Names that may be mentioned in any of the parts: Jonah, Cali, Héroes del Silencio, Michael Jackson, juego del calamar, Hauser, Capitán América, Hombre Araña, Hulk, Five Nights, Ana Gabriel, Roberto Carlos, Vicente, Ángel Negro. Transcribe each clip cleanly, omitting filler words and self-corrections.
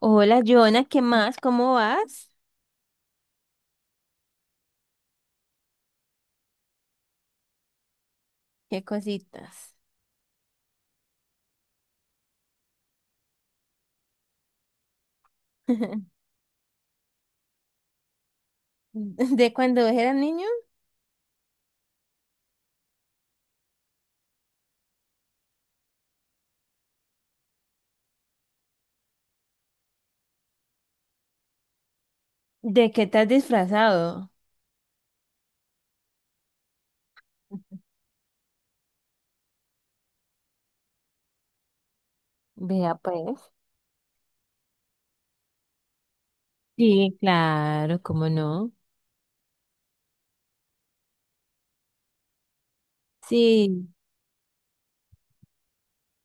Hola, Jonah, ¿qué más? ¿Cómo vas? ¿Qué cositas? ¿De cuando eras niño? ¿De qué te has disfrazado? Vea pues. Sí, claro, ¿cómo no? Sí.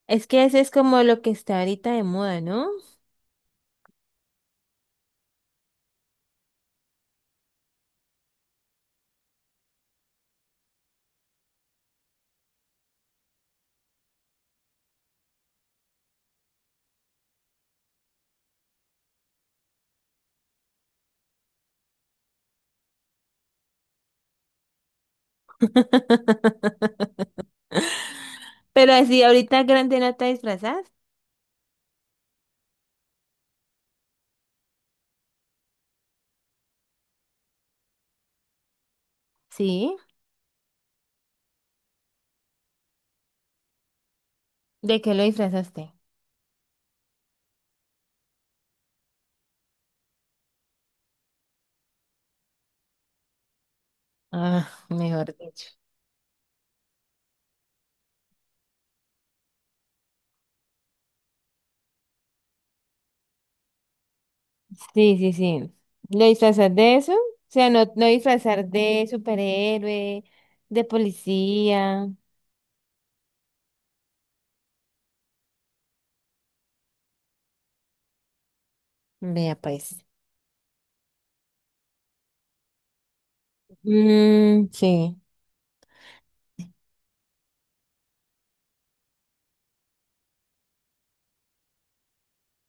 Es que ese es como lo que está ahorita de moda, ¿no? Pero así, ahorita grande no te disfrazas. Sí. ¿De qué lo disfrazaste? Ah, mejor dicho. Sí, sí, sí. Lo disfrazas de eso. O sea, no, no disfrazar de superhéroe, de policía. Vea pues. Mm, sí.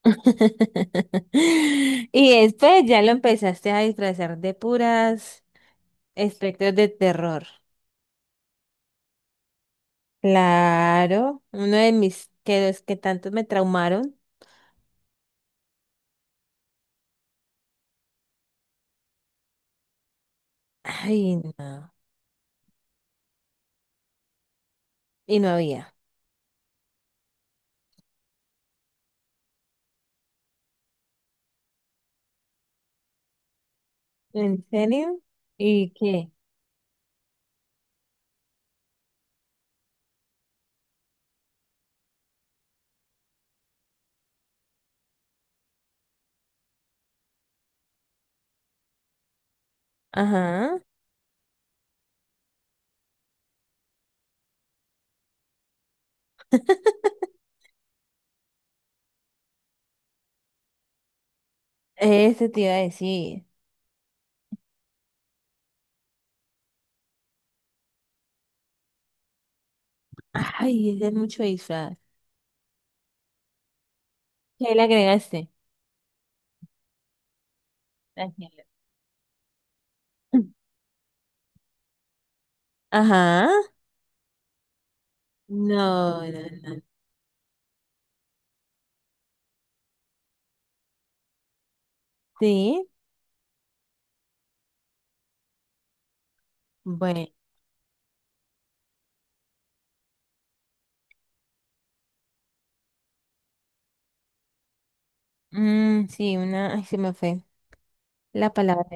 Y después ya lo empezaste a disfrazar de puras espectros de terror. Claro, uno de mis que los que tanto me traumaron. Ay, no. Y no había. ¿En serio? ¿Y qué? Ajá. Eso te iba a decir. Ay, es de mucho disfraz. ¿Qué le agregaste? Tranquilo. Ajá. No, no, no. Sí. Bueno. Mm, sí, una. Ay, se me fue la palabra.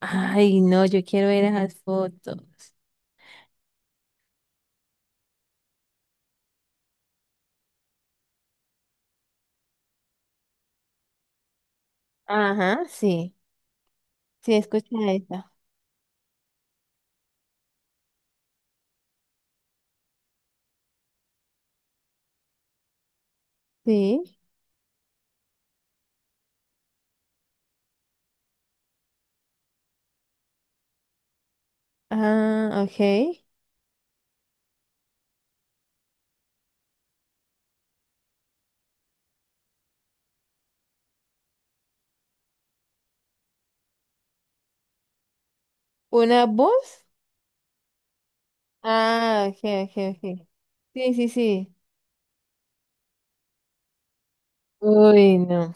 Ay, no, yo quiero ver esas fotos. Ajá, sí. Sí, escucha esa. Sí. Ah, ok. ¿Una voz? Ah, ok, ok, ok. Sí, sí, sí. Uy, no.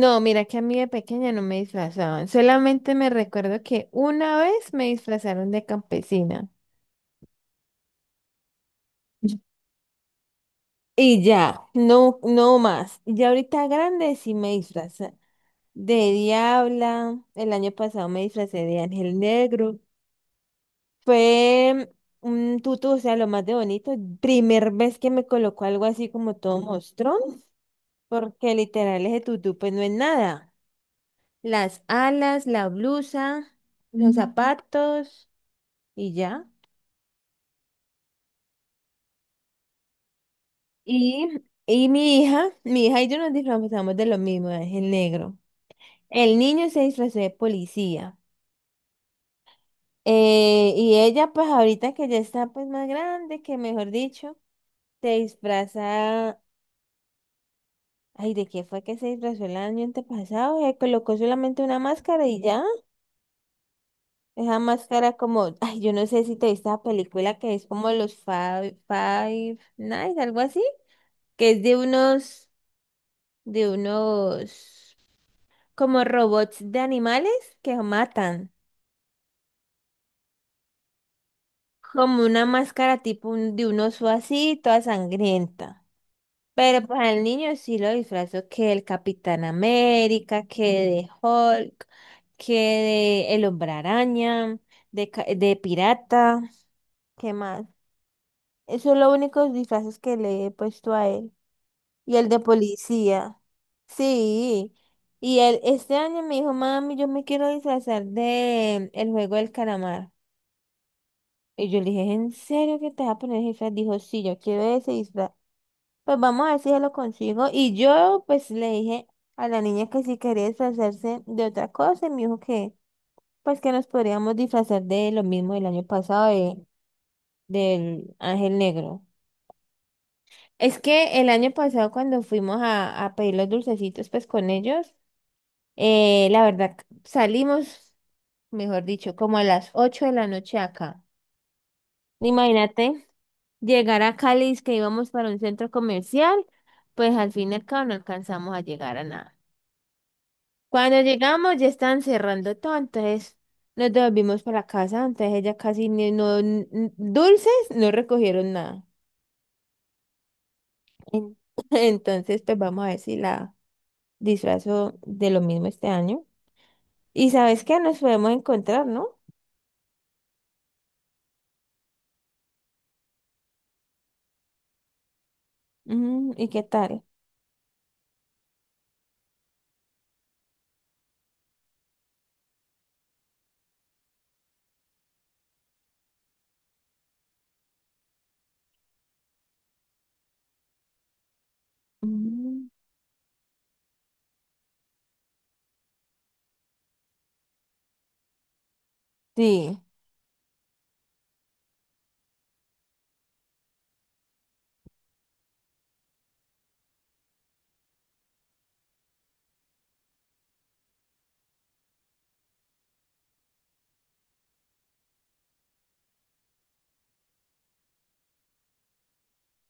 No, mira que a mí de pequeña no me disfrazaban. Solamente me recuerdo que una vez me disfrazaron de campesina. Y ya, no, no más. Y ya ahorita grande sí me disfraza de diabla. El año pasado me disfracé de ángel negro. Fue un tutu, o sea, lo más de bonito. Primer vez que me colocó algo así como todo mostrón, porque literal ese tutú pues no es nada. Las alas, la blusa, los zapatos. Y ya. Y, y mi hija y yo nos disfrazamos de lo mismo, es el negro. El niño se disfrazó de policía. Y ella, pues ahorita que ya está pues más grande, que mejor dicho, se disfraza. Ay, ¿de qué fue que se disfrazó el año antepasado? Se colocó solamente una máscara y ya. Esa máscara como, ay, yo no sé si te viste la película que es como los Five, Five Nights, algo así, que es de unos, de unos, como robots de animales que matan, como una máscara tipo un- de un oso así, toda sangrienta. Pero pues al niño sí lo disfrazó que el Capitán América, que de Hulk, que de el Hombre Araña, de, ca- de pirata, ¿qué más? Esos son los únicos disfraces que le he puesto a él. Y el de policía. Sí. Y él este año me dijo, mami, yo me quiero disfrazar de el juego del calamar. Y yo le dije, ¿en serio que te vas a poner el disfraz? Dijo, sí, yo quiero ese disfraz. Pues vamos a ver si se lo consigo. Y yo, pues, le dije a la niña que si quería disfrazarse de otra cosa. Y me dijo que, pues, que nos podríamos disfrazar de lo mismo del año pasado, de, del Ángel Negro. Es que el año pasado, cuando fuimos a pedir los dulcecitos, pues, con ellos, la verdad, salimos, mejor dicho, como a las 8 de la noche acá. Imagínate. Llegar a Cali, es que íbamos para un centro comercial, pues al fin y al cabo no alcanzamos a llegar a nada. Cuando llegamos ya estaban cerrando todo, entonces nos devolvimos para la casa, entonces ella casi ni- no, n- dulces no recogieron nada. En- entonces, pues vamos a ver si la disfrazo de lo mismo este año. Y sabes que nos podemos encontrar, ¿no? Mm, ¿y qué tal? Mm, sí,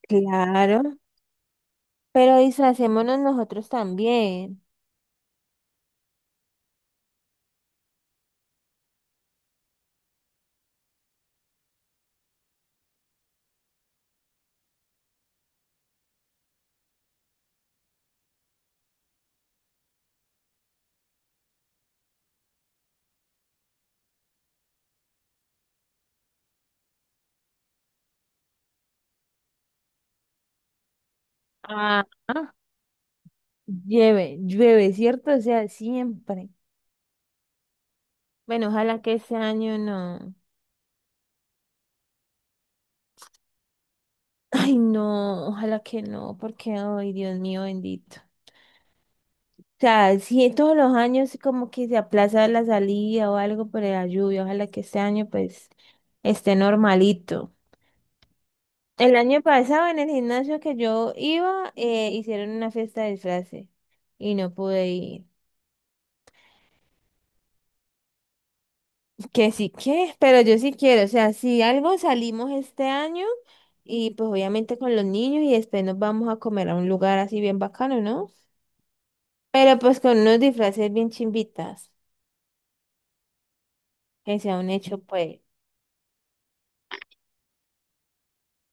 claro. Pero disfracémonos nosotros también. Ah. Llueve, llueve, ¿cierto? O sea, siempre. Bueno, ojalá que este año no. Ay, no, ojalá que no, porque, ay, Dios mío, bendito. O sea, sí, todos los años como que se aplaza la salida o algo por la lluvia. Ojalá que este año, pues, esté normalito. El año pasado en el gimnasio que yo iba, hicieron una fiesta de disfraces y no pude ir. Que sí que, pero yo sí quiero, o sea, si algo salimos este año y pues obviamente con los niños y después nos vamos a comer a un lugar así bien bacano, ¿no? Pero pues con unos disfraces bien chimbitas, que sea un hecho pues.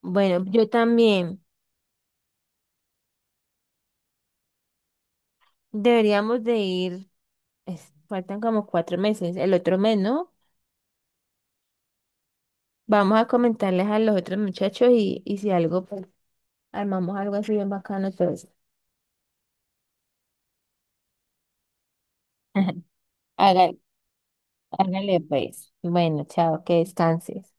Bueno, yo también deberíamos de ir, es- faltan como cuatro meses, el otro mes, ¿no? Vamos a comentarles a los otros muchachos y si algo, pues armamos algo así bien bacano, entonces. Hágale, hágale pues. Bueno, chao, que descanses.